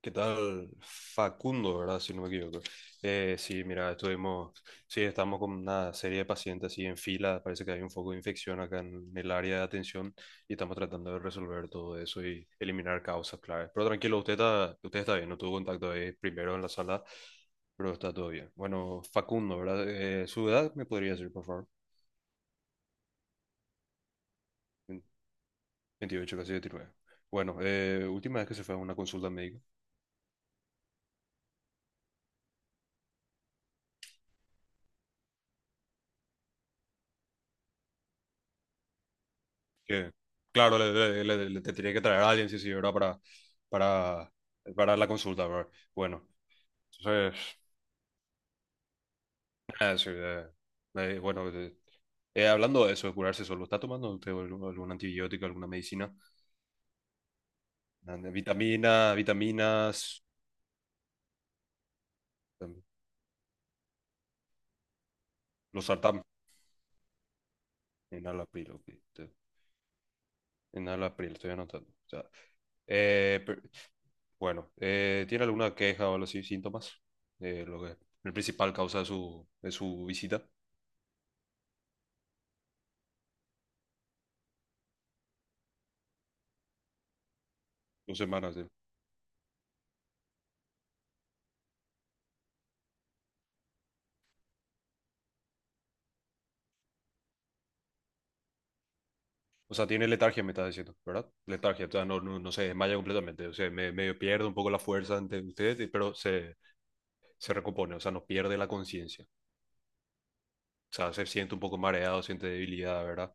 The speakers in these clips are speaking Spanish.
¿Qué tal? Facundo, ¿verdad? Si no me equivoco. Sí, mira, sí, estamos con una serie de pacientes así en fila, parece que hay un foco de infección acá en el área de atención y estamos tratando de resolver todo eso y eliminar causas claves. Pero tranquilo, usted está bien, no tuvo contacto ahí primero en la sala, pero está todo bien. Bueno, Facundo, ¿verdad? ¿Su edad me podría decir, por favor? 28 casi 29. Bueno, última vez que se fue a una consulta médica. que, claro, te tenía que traer a alguien, sí, sí, ¿verdad? Para, para la consulta, ¿verdad? Bueno, entonces, nada, sí, bueno, hablando de eso, de curarse solo. ¿Está tomando usted algún antibiótico, alguna medicina? Nada, de vitaminas, em, losartán, enalapril, ok, te- enalapril, estoy anotando. O sea, eh, per- bueno, ¿tiene alguna queja o algo así, síntomas? Lo que, la principal causa de su visita, 2 semanas. O sea, tiene letargia, me estás diciendo, ¿verdad? Letargia, o sea, no, no, no se desmaya completamente, o sea, medio pierde un poco la fuerza ante ustedes, pero se recompone, o sea, no pierde la conciencia. O sea, se siente un poco mareado, siente debilidad, ¿verdad?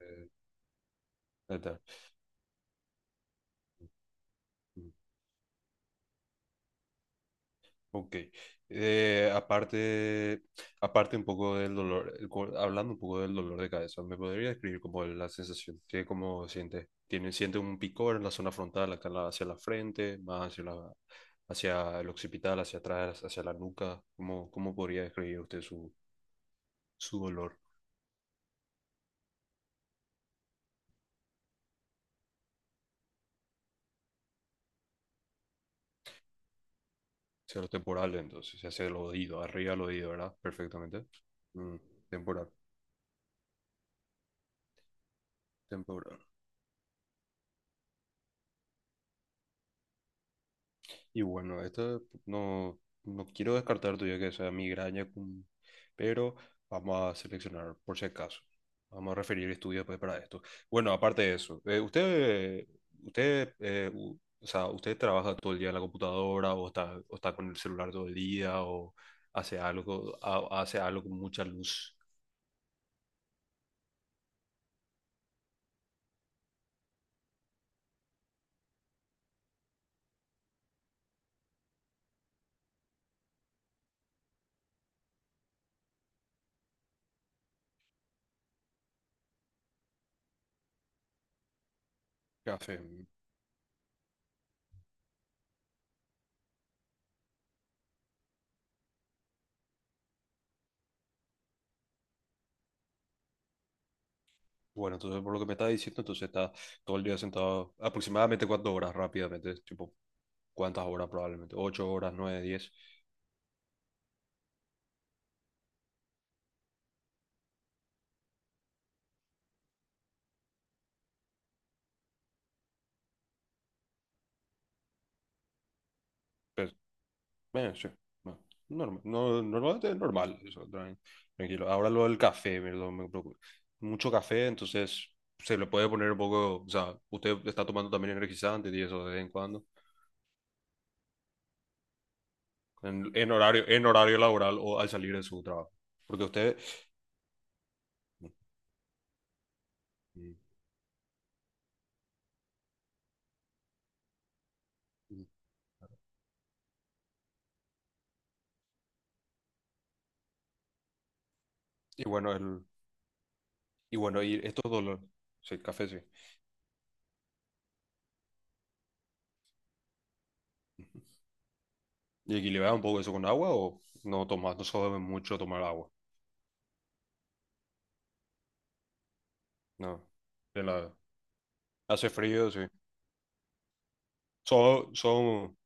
Eh, Ahí está. Ok. Aparte aparte, un poco del dolor, hablando un poco del dolor de cabeza, ¿me podría describir como la sensación que como siente? ¿Tiene, siente un picor en la zona frontal, acá en hacia la frente, más hacia el occipital, hacia atrás, hacia la nuca? ¿Cómo podría describir usted su dolor? Hacia lo temporal, entonces, hacia el oído, arriba del oído, ¿verdad? Perfectamente. Mm, Temporal, temporal. Y bueno, esto no, no quiero descartar todavía que sea migraña, pero vamos a seleccionar por si acaso. Vamos a referir estudios pues, para esto. Bueno, aparte de eso, o sea, usted trabaja todo el día en la computadora o está con el celular todo el día o hace algo con mucha luz. Café. Bueno, entonces por lo que me está diciendo, entonces está todo el día sentado aproximadamente cuántas horas rápidamente, tipo, ¿cuántas horas probablemente? ¿8 horas, 9, 10? Pero, bueno, sí. No, normal, no, normalmente es normal, eso, tranquilo. Ahora lo del café, ¿verdad? Me preocupa. Mucho café, entonces se le puede poner un poco, o sea, usted está tomando también energizante y eso de vez en cuando, en horario laboral o al salir de su trabajo. Porque y, y- bueno, y bueno, y estos dolores, sí, café, sí. ¿Y equilibra un poco eso con agua o no tomas, no sabe mucho tomar agua? No. De hace frío, sí. Son, son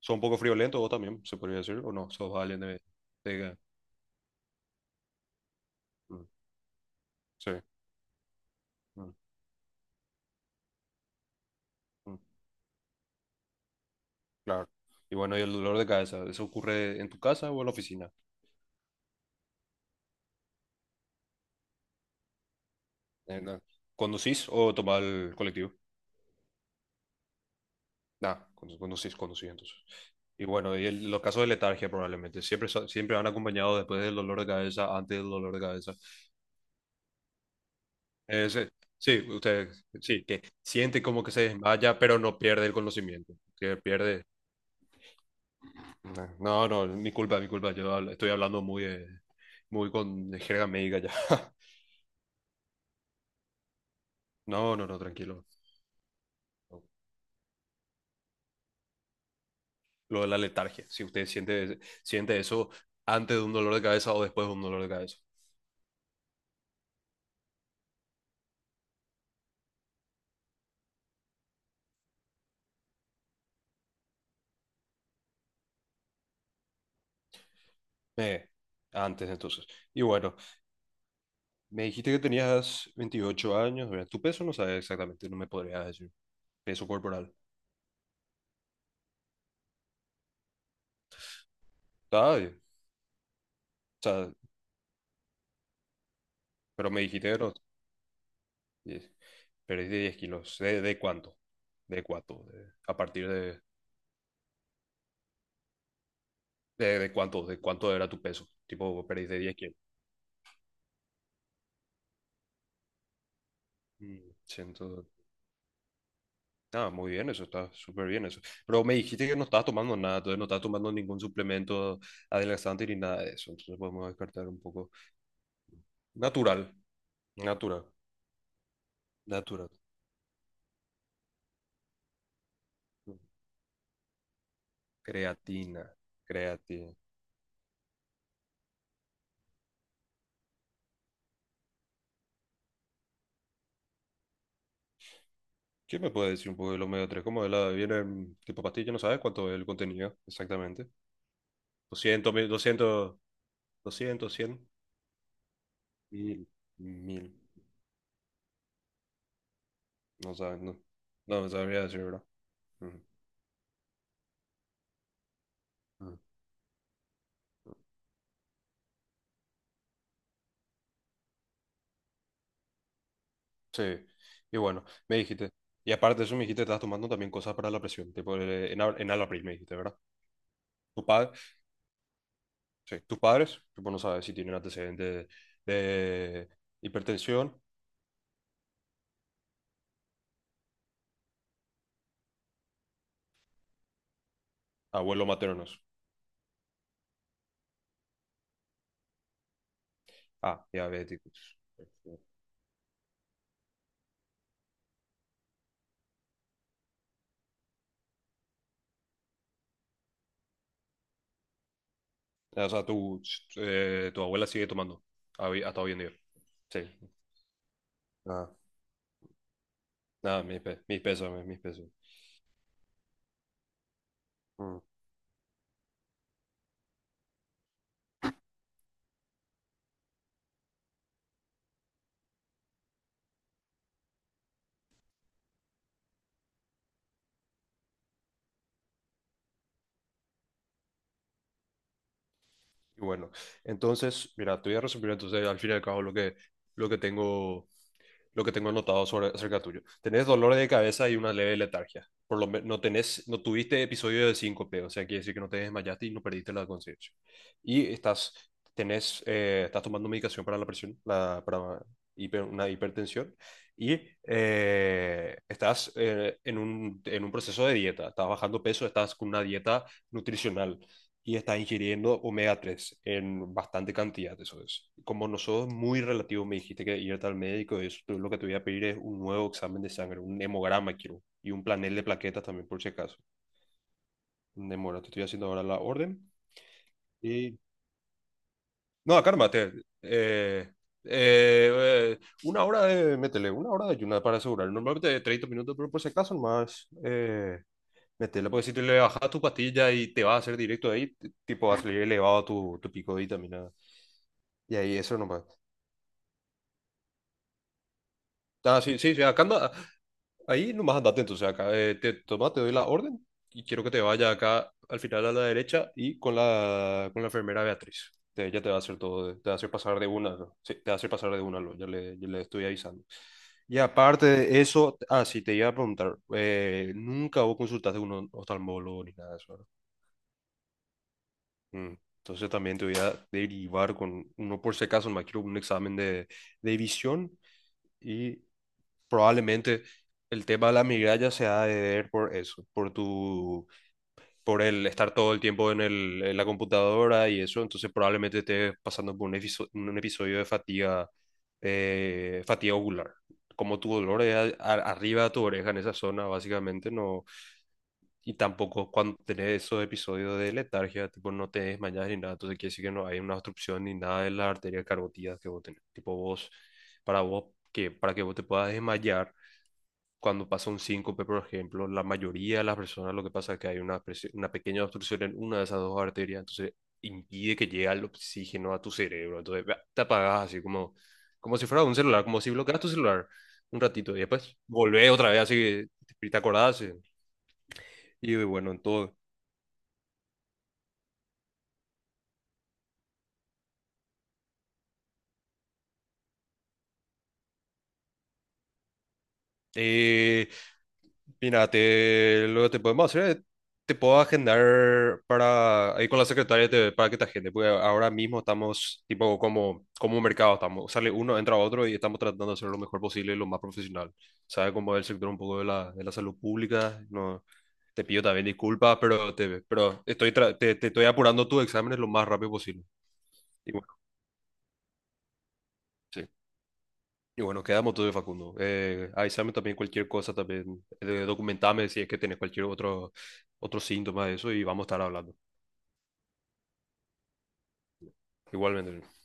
Son un poco friolentos vos también, se podría decir, o no, sos alguien de... de- mm, sí, mm, mm, claro. Y bueno, y el dolor de cabeza, ¿eso ocurre en tu casa o en la oficina? En la- ¿Conducís o tomás el colectivo? Nah, conducís, conducís entonces. Y bueno, los casos de letargia probablemente, siempre, siempre han acompañado después del dolor de cabeza, antes del dolor de cabeza. Sí, sí, sí, que siente como que se desmaya, pero no pierde el conocimiento, que pierde... No, no, mi culpa, mi culpa. Estoy hablando muy con jerga médica ya. No, no, no, tranquilo. Lo de la letargia. Si usted siente, siente eso antes de un dolor de cabeza o después de un dolor de cabeza. Eh, Antes entonces. Y bueno, me dijiste que tenías 28 años. Mira, tu peso no sabes exactamente, no me podrías decir. Peso corporal. Está bien. O sea, pero me dijiste que no. Yes. Perdí 10 kilos. ¿De cuánto? ¿De cuánto? A partir de, ¿De cuánto? ¿De cuánto era tu peso? Tipo, vos perdiste 10 kilos. Mm. Ciento... Ah, muy bien, eso está súper bien eso. Pero me dijiste que no estabas tomando nada, entonces no estabas tomando ningún suplemento adelgazante ni nada de eso. Entonces podemos descartar un poco. Natural, natural, natural. Creatina, creatina. ¿Qué me puede decir un poco de los omega 3? ¿Cómo de la viene en tipo pastilla? ¿No sabes cuánto es el contenido exactamente? Doscientos mil, doscientos, 200 100 mil, mil. No sabes, no. No me sabría decir, ¿verdad? Ujú, ujú, ujú. Sí. Y bueno, me dijiste. Y aparte de eso, me dijiste, estás tomando también cosas para la presión, tipo en Alapril, me dijiste, ¿verdad? Tu padre, sí, tus padres, tipo, no sabes si tienen antecedentes de hipertensión, abuelos maternos. Ah, diabéticos. O sea, tu abuela sigue tomando a hasta hoy en día. Sí. Ah, nada, mis pesos, mis pesos. Y bueno, entonces, mira, te voy a resumir entonces al fin y al cabo lo que tengo, lo que tengo anotado sobre, acerca tuyo. Tenés dolor de cabeza y una leve letargia. Por lo menos no tenés, no tuviste episodio de síncope, o sea, quiere decir que no te desmayaste y no perdiste la conciencia. Y estás tomando medicación para la presión, para una hipertensión, y en un proceso de dieta. Estás bajando peso, estás con una dieta nutricional y está ingiriendo omega 3 en bastante cantidad, eso es. Como nosotros muy relativo me dijiste que irte al médico, eso lo que te voy a pedir es un nuevo examen de sangre, un hemograma quiero, y un planel de plaquetas también por si acaso. Demora, te estoy haciendo ahora la orden. Y... No, cálmate. Eh, eh, eh, una hora de, métele, una hora de ayuno para asegurar. Normalmente de 30 minutos, pero por si acaso más, métele, porque si te le bajas tu pastilla y te va a hacer directo ahí, tipo va a salir elevado tu pico de vitamina. Y ahí eso nomás. Ah, sí, sí, sí, ahí nomás andate entonces acá. Te doy la orden y quiero que te vaya acá al final a la derecha y con con la enfermera Beatriz. Ella te va a hacer todo, te va a hacer pasar de una, ¿no? Sí, te va a hacer pasar de una, ¿no? Ya le estoy avisando. Y aparte de eso, ah, sí, te iba a preguntar, nunca vos consultaste a un oftalmólogo ni nada de eso, ¿verdad? Mm. Entonces también te voy a derivar con uno por si acaso, me quiero un examen de visión. Y probablemente el tema de la migraña se ha de ver por eso, por tu, por el estar todo el tiempo en en la computadora y eso, entonces probablemente estés pasando por un episodio de fatiga, fatiga ocular. Como tu dolor es arriba de tu oreja en esa zona, básicamente, no, y tampoco cuando tenés esos episodios de letargia, tipo no te desmayas ni nada, entonces quiere decir que no hay una obstrucción ni nada de las arterias carotidas que vos tenés, tipo vos, para vos, que, para que vos te puedas desmayar cuando pasa un síncope, por ejemplo, la mayoría de las personas lo que pasa es que hay una, una pequeña obstrucción en una de esas dos arterias, entonces impide que llegue el oxígeno a tu cerebro, entonces bah, te apagas así como, como si fuera un celular, como si bloqueas tu celular un ratito y después volvés otra vez así, te acordás. Y bueno, en todo. Eh, Mira, lo que te podemos hacer es, te puedo agendar para, ahí con la secretaria para que te agende, porque ahora mismo estamos tipo como, como un mercado, estamos, sale uno, entra otro y estamos tratando de hacer lo mejor posible y lo más profesional. Sabes cómo es el sector un poco de de la salud pública, no, te pido también disculpas, pero te, pero estoy, te estoy apurando tus exámenes lo más rápido posible. Y bueno, sí. Y bueno, quedamos todo de Facundo. Avísame también cualquier cosa, también documentame si es que tenés cualquier otro, otro síntoma de eso y vamos a estar hablando. Igualmente.